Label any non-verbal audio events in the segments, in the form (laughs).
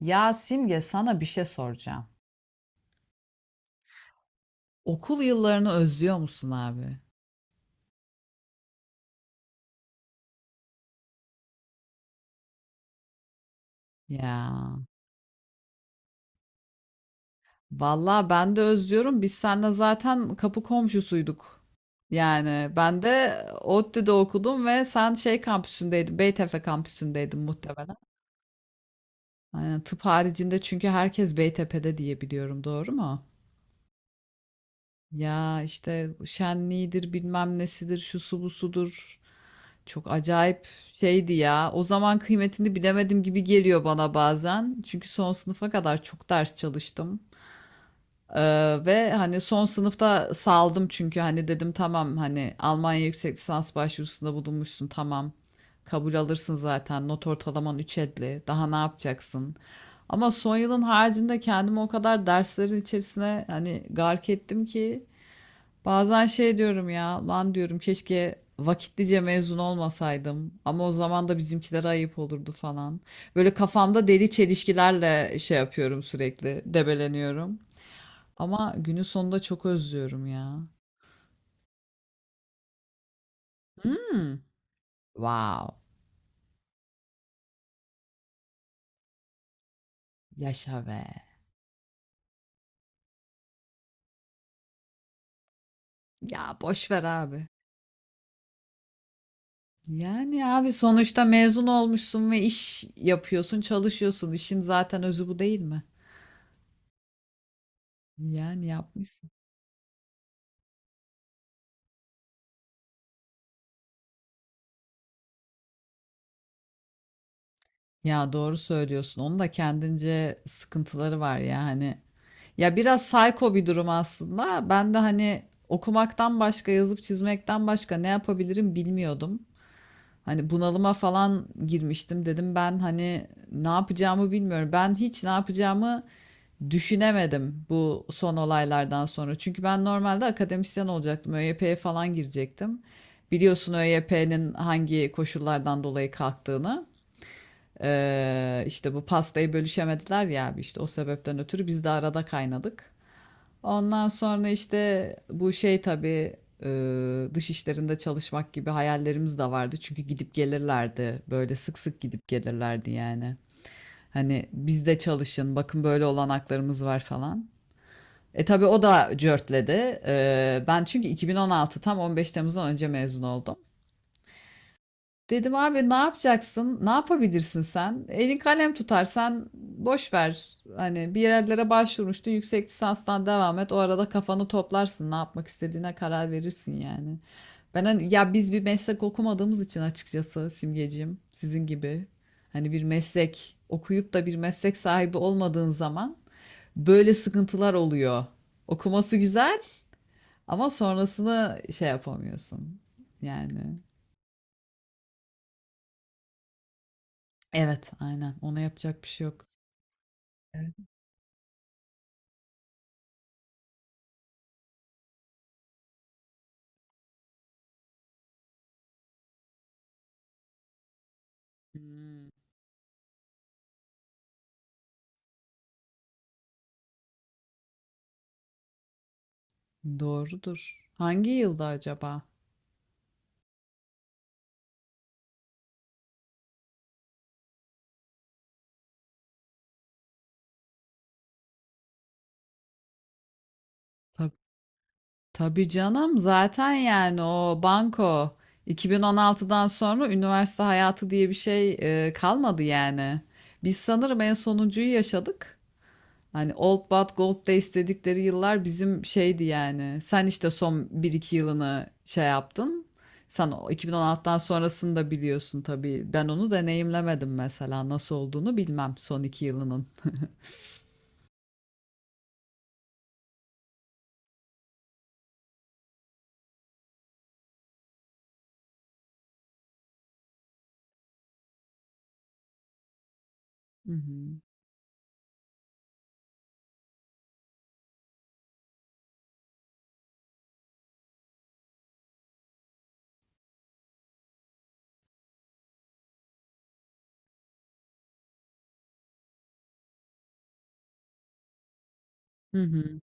Ya Simge sana bir şey soracağım. Okul yıllarını özlüyor musun abi? Ya vallahi ben de özlüyorum. Biz seninle zaten kapı komşusuyduk. Yani ben de ODTÜ'de okudum ve sen şey kampüsündeydin. Beytepe kampüsündeydin muhtemelen. Aynen, tıp haricinde çünkü herkes Beytepe'de diye biliyorum. Doğru mu? Ya işte bu şenliğidir bilmem nesidir şu su bu sudur. Çok acayip şeydi ya. O zaman kıymetini bilemedim gibi geliyor bana bazen. Çünkü son sınıfa kadar çok ders çalıştım. Ve hani son sınıfta saldım çünkü hani dedim tamam hani Almanya yüksek lisans başvurusunda bulunmuşsun tamam. Kabul alırsın zaten not ortalaman 3,50 daha ne yapacaksın? Ama son yılın haricinde kendimi o kadar derslerin içerisine hani gark ettim ki bazen şey diyorum ya, lan diyorum keşke vakitlice mezun olmasaydım ama o zaman da bizimkilere ayıp olurdu falan. Böyle kafamda deli çelişkilerle şey yapıyorum sürekli, debeleniyorum. Ama günün sonunda çok özlüyorum ya. Hmm, wow, yaşa be. Ya boş ver abi. Yani abi sonuçta mezun olmuşsun ve iş yapıyorsun, çalışıyorsun. İşin zaten özü bu değil mi? Yani yapmış. Ya doğru söylüyorsun. Onun da kendince sıkıntıları var ya hani. Ya biraz psycho bir durum aslında. Ben de hani okumaktan başka, yazıp çizmekten başka ne yapabilirim bilmiyordum. Hani bunalıma falan girmiştim. Dedim ben hani ne yapacağımı bilmiyorum. Ben hiç ne yapacağımı düşünemedim bu son olaylardan sonra. Çünkü ben normalde akademisyen olacaktım. ÖYP'ye falan girecektim. Biliyorsun ÖYP'nin hangi koşullardan dolayı kalktığını. İşte bu pastayı bölüşemediler ya abi işte o sebepten ötürü biz de arada kaynadık. Ondan sonra işte bu şey tabii dış işlerinde çalışmak gibi hayallerimiz de vardı. Çünkü gidip gelirlerdi böyle sık sık gidip gelirlerdi yani. Hani bizde çalışın bakın böyle olanaklarımız var falan. E tabii o da cörtledi. Ben çünkü 2016 tam 15 Temmuz'dan önce mezun oldum. Dedim abi ne yapacaksın? Ne yapabilirsin sen? Elin kalem tutarsan boş ver. Hani bir yerlere başvurmuştun. Yüksek lisanstan devam et. O arada kafanı toplarsın. Ne yapmak istediğine karar verirsin yani. Ben hani, ya biz bir meslek okumadığımız için açıkçası Simgeciğim sizin gibi hani bir meslek okuyup da bir meslek sahibi olmadığın zaman böyle sıkıntılar oluyor. Okuması güzel ama sonrasını şey yapamıyorsun. Yani evet aynen ona yapacak bir şey yok. Hmm, doğrudur. Hangi yılda acaba? Tab tabii canım zaten yani o banko 2016'dan sonra üniversite hayatı diye bir şey kalmadı yani. Biz sanırım en sonuncuyu yaşadık. Hani Old But Gold Days dedikleri yıllar bizim şeydi yani. Sen işte son bir iki yılını şey yaptın. Sen o 2016'dan sonrasını da biliyorsun tabii. Ben onu deneyimlemedim mesela. Nasıl olduğunu bilmem son 2 yılının. (laughs) Hı hı. Hı hı.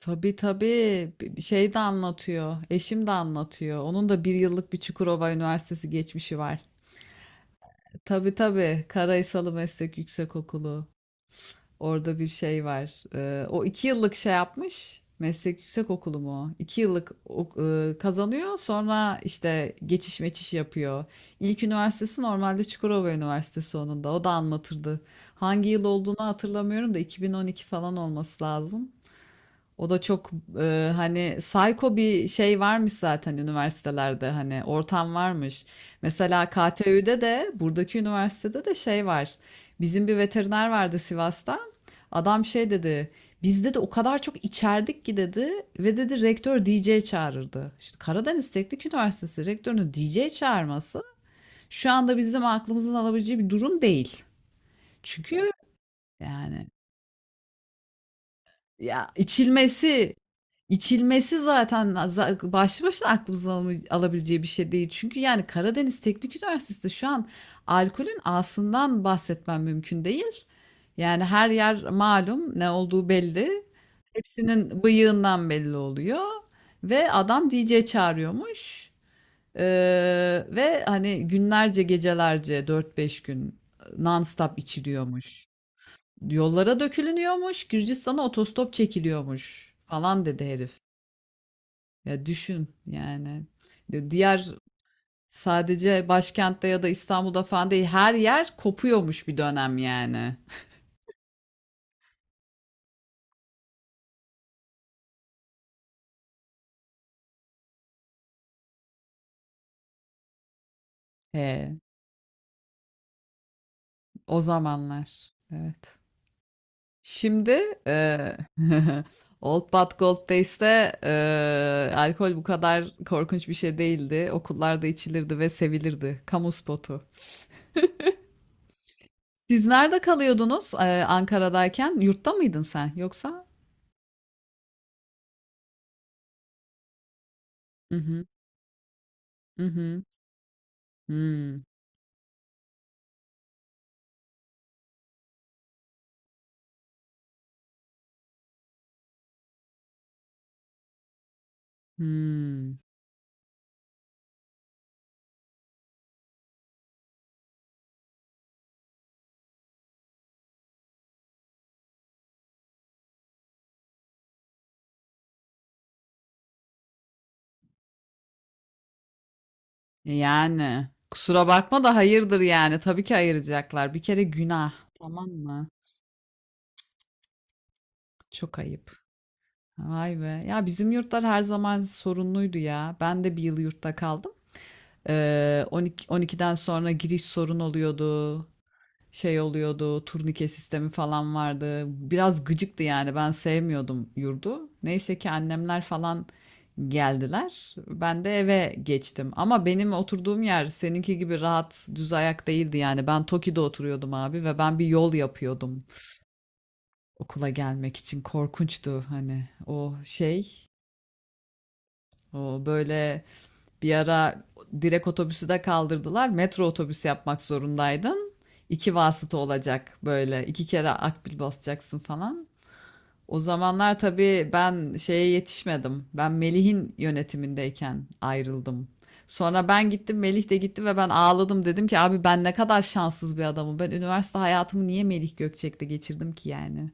Tabii tabii şey de anlatıyor. Eşim de anlatıyor. Onun da bir yıllık bir Çukurova Üniversitesi geçmişi var. Tabii tabii Karaysalı Meslek Yüksekokulu. Orada bir şey var. O iki yıllık şey yapmış. Meslek Yüksekokulu mu? O? İki yıllık kazanıyor. Sonra işte geçiş meçiş yapıyor. İlk üniversitesi normalde Çukurova Üniversitesi onun da. O da anlatırdı. Hangi yıl olduğunu hatırlamıyorum da 2012 falan olması lazım. O da çok hani psycho bir şey varmış zaten üniversitelerde hani ortam varmış. Mesela KTÜ'de de buradaki üniversitede de şey var. Bizim bir veteriner vardı Sivas'ta. Adam şey dedi. Bizde de o kadar çok içerdik ki dedi ve dedi rektör DJ çağırırdı. İşte Karadeniz Teknik Üniversitesi rektörünün DJ çağırması şu anda bizim aklımızın alabileceği bir durum değil. Çünkü yani. Ya, içilmesi, içilmesi zaten başlı başına aklımızın alabileceği bir şey değil. Çünkü, yani, Karadeniz Teknik Üniversitesi'nde şu an alkolün A'sından bahsetmem mümkün değil. Yani, her yer malum, ne olduğu belli. Hepsinin bıyığından belli oluyor ve adam DJ çağırıyormuş, eee, ve, hani, günlerce, gecelerce dört beş gün, non stop içiliyormuş. Yollara dökülünüyormuş, Gürcistan'a otostop çekiliyormuş falan dedi herif. Ya düşün yani. Diğer sadece başkentte ya da İstanbul'da falan değil her yer kopuyormuş bir dönem yani. He, o zamanlar. Evet. Şimdi (laughs) Old But Gold Days'te alkol bu kadar korkunç bir şey değildi. Okullarda içilirdi ve sevilirdi. Kamu spotu. Siz nerede kalıyordunuz Ankara'dayken? Yurtta mıydın sen yoksa? Hı hı. Hı hı. Hımm. Hımm. Yani, kusura bakma da hayırdır yani. Tabii ki ayıracaklar. Bir kere günah, tamam mı? Çok ayıp. Vay be. Ya, bizim yurtlar her zaman sorunluydu ya. Ben de bir yıl yurtta kaldım. 12'den sonra giriş sorun oluyordu. Şey oluyordu, turnike sistemi falan vardı. Biraz gıcıktı yani ben sevmiyordum yurdu. Neyse ki annemler falan geldiler. Ben de eve geçtim. Ama benim oturduğum yer seninki gibi rahat, düz ayak değildi yani. Ben Toki'de oturuyordum abi ve ben bir yol yapıyordum okula gelmek için. Korkunçtu hani o şey, o böyle bir ara direkt otobüsü de kaldırdılar. Metro otobüsü yapmak zorundaydın. İki vasıta olacak böyle. İki kere akbil basacaksın falan. O zamanlar tabii ben şeye yetişmedim. Ben Melih'in yönetimindeyken ayrıldım. Sonra ben gittim, Melih de gitti ve ben ağladım. Dedim ki abi ben ne kadar şanssız bir adamım. Ben üniversite hayatımı niye Melih Gökçek'te geçirdim ki yani?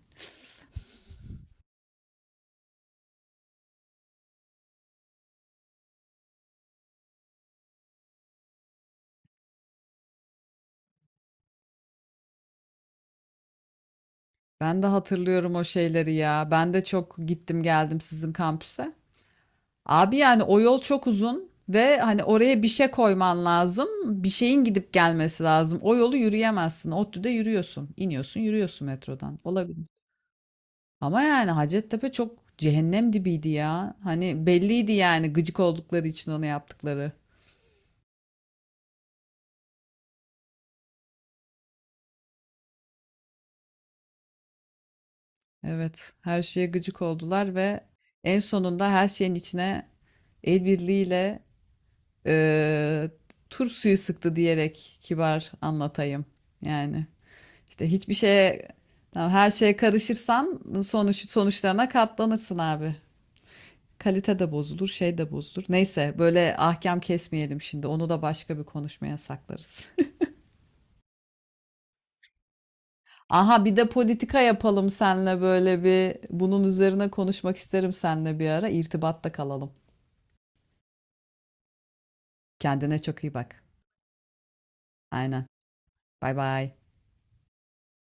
Ben de hatırlıyorum o şeyleri ya. Ben de çok gittim geldim sizin kampüse. Abi yani o yol çok uzun ve hani oraya bir şey koyman lazım. Bir şeyin gidip gelmesi lazım. O yolu yürüyemezsin. ODTÜ'de yürüyorsun. İniyorsun, yürüyorsun metrodan. Olabilir. Ama yani Hacettepe çok cehennem dibiydi ya. Hani belliydi yani gıcık oldukları için onu yaptıkları. Evet, her şeye gıcık oldular ve en sonunda her şeyin içine el birliğiyle eee turp suyu sıktı diyerek kibar anlatayım. Yani. İşte hiçbir şeye tamam, her şeye karışırsan sonuçlarına katlanırsın abi. Kalite de bozulur, şey de bozulur. Neyse böyle ahkam kesmeyelim şimdi. Onu da başka bir konuşmaya saklarız. (laughs) Aha bir de politika yapalım seninle böyle bir bunun üzerine konuşmak isterim seninle bir ara. İrtibatta kalalım. Kendine çok iyi bak. Aynen. Bay bay.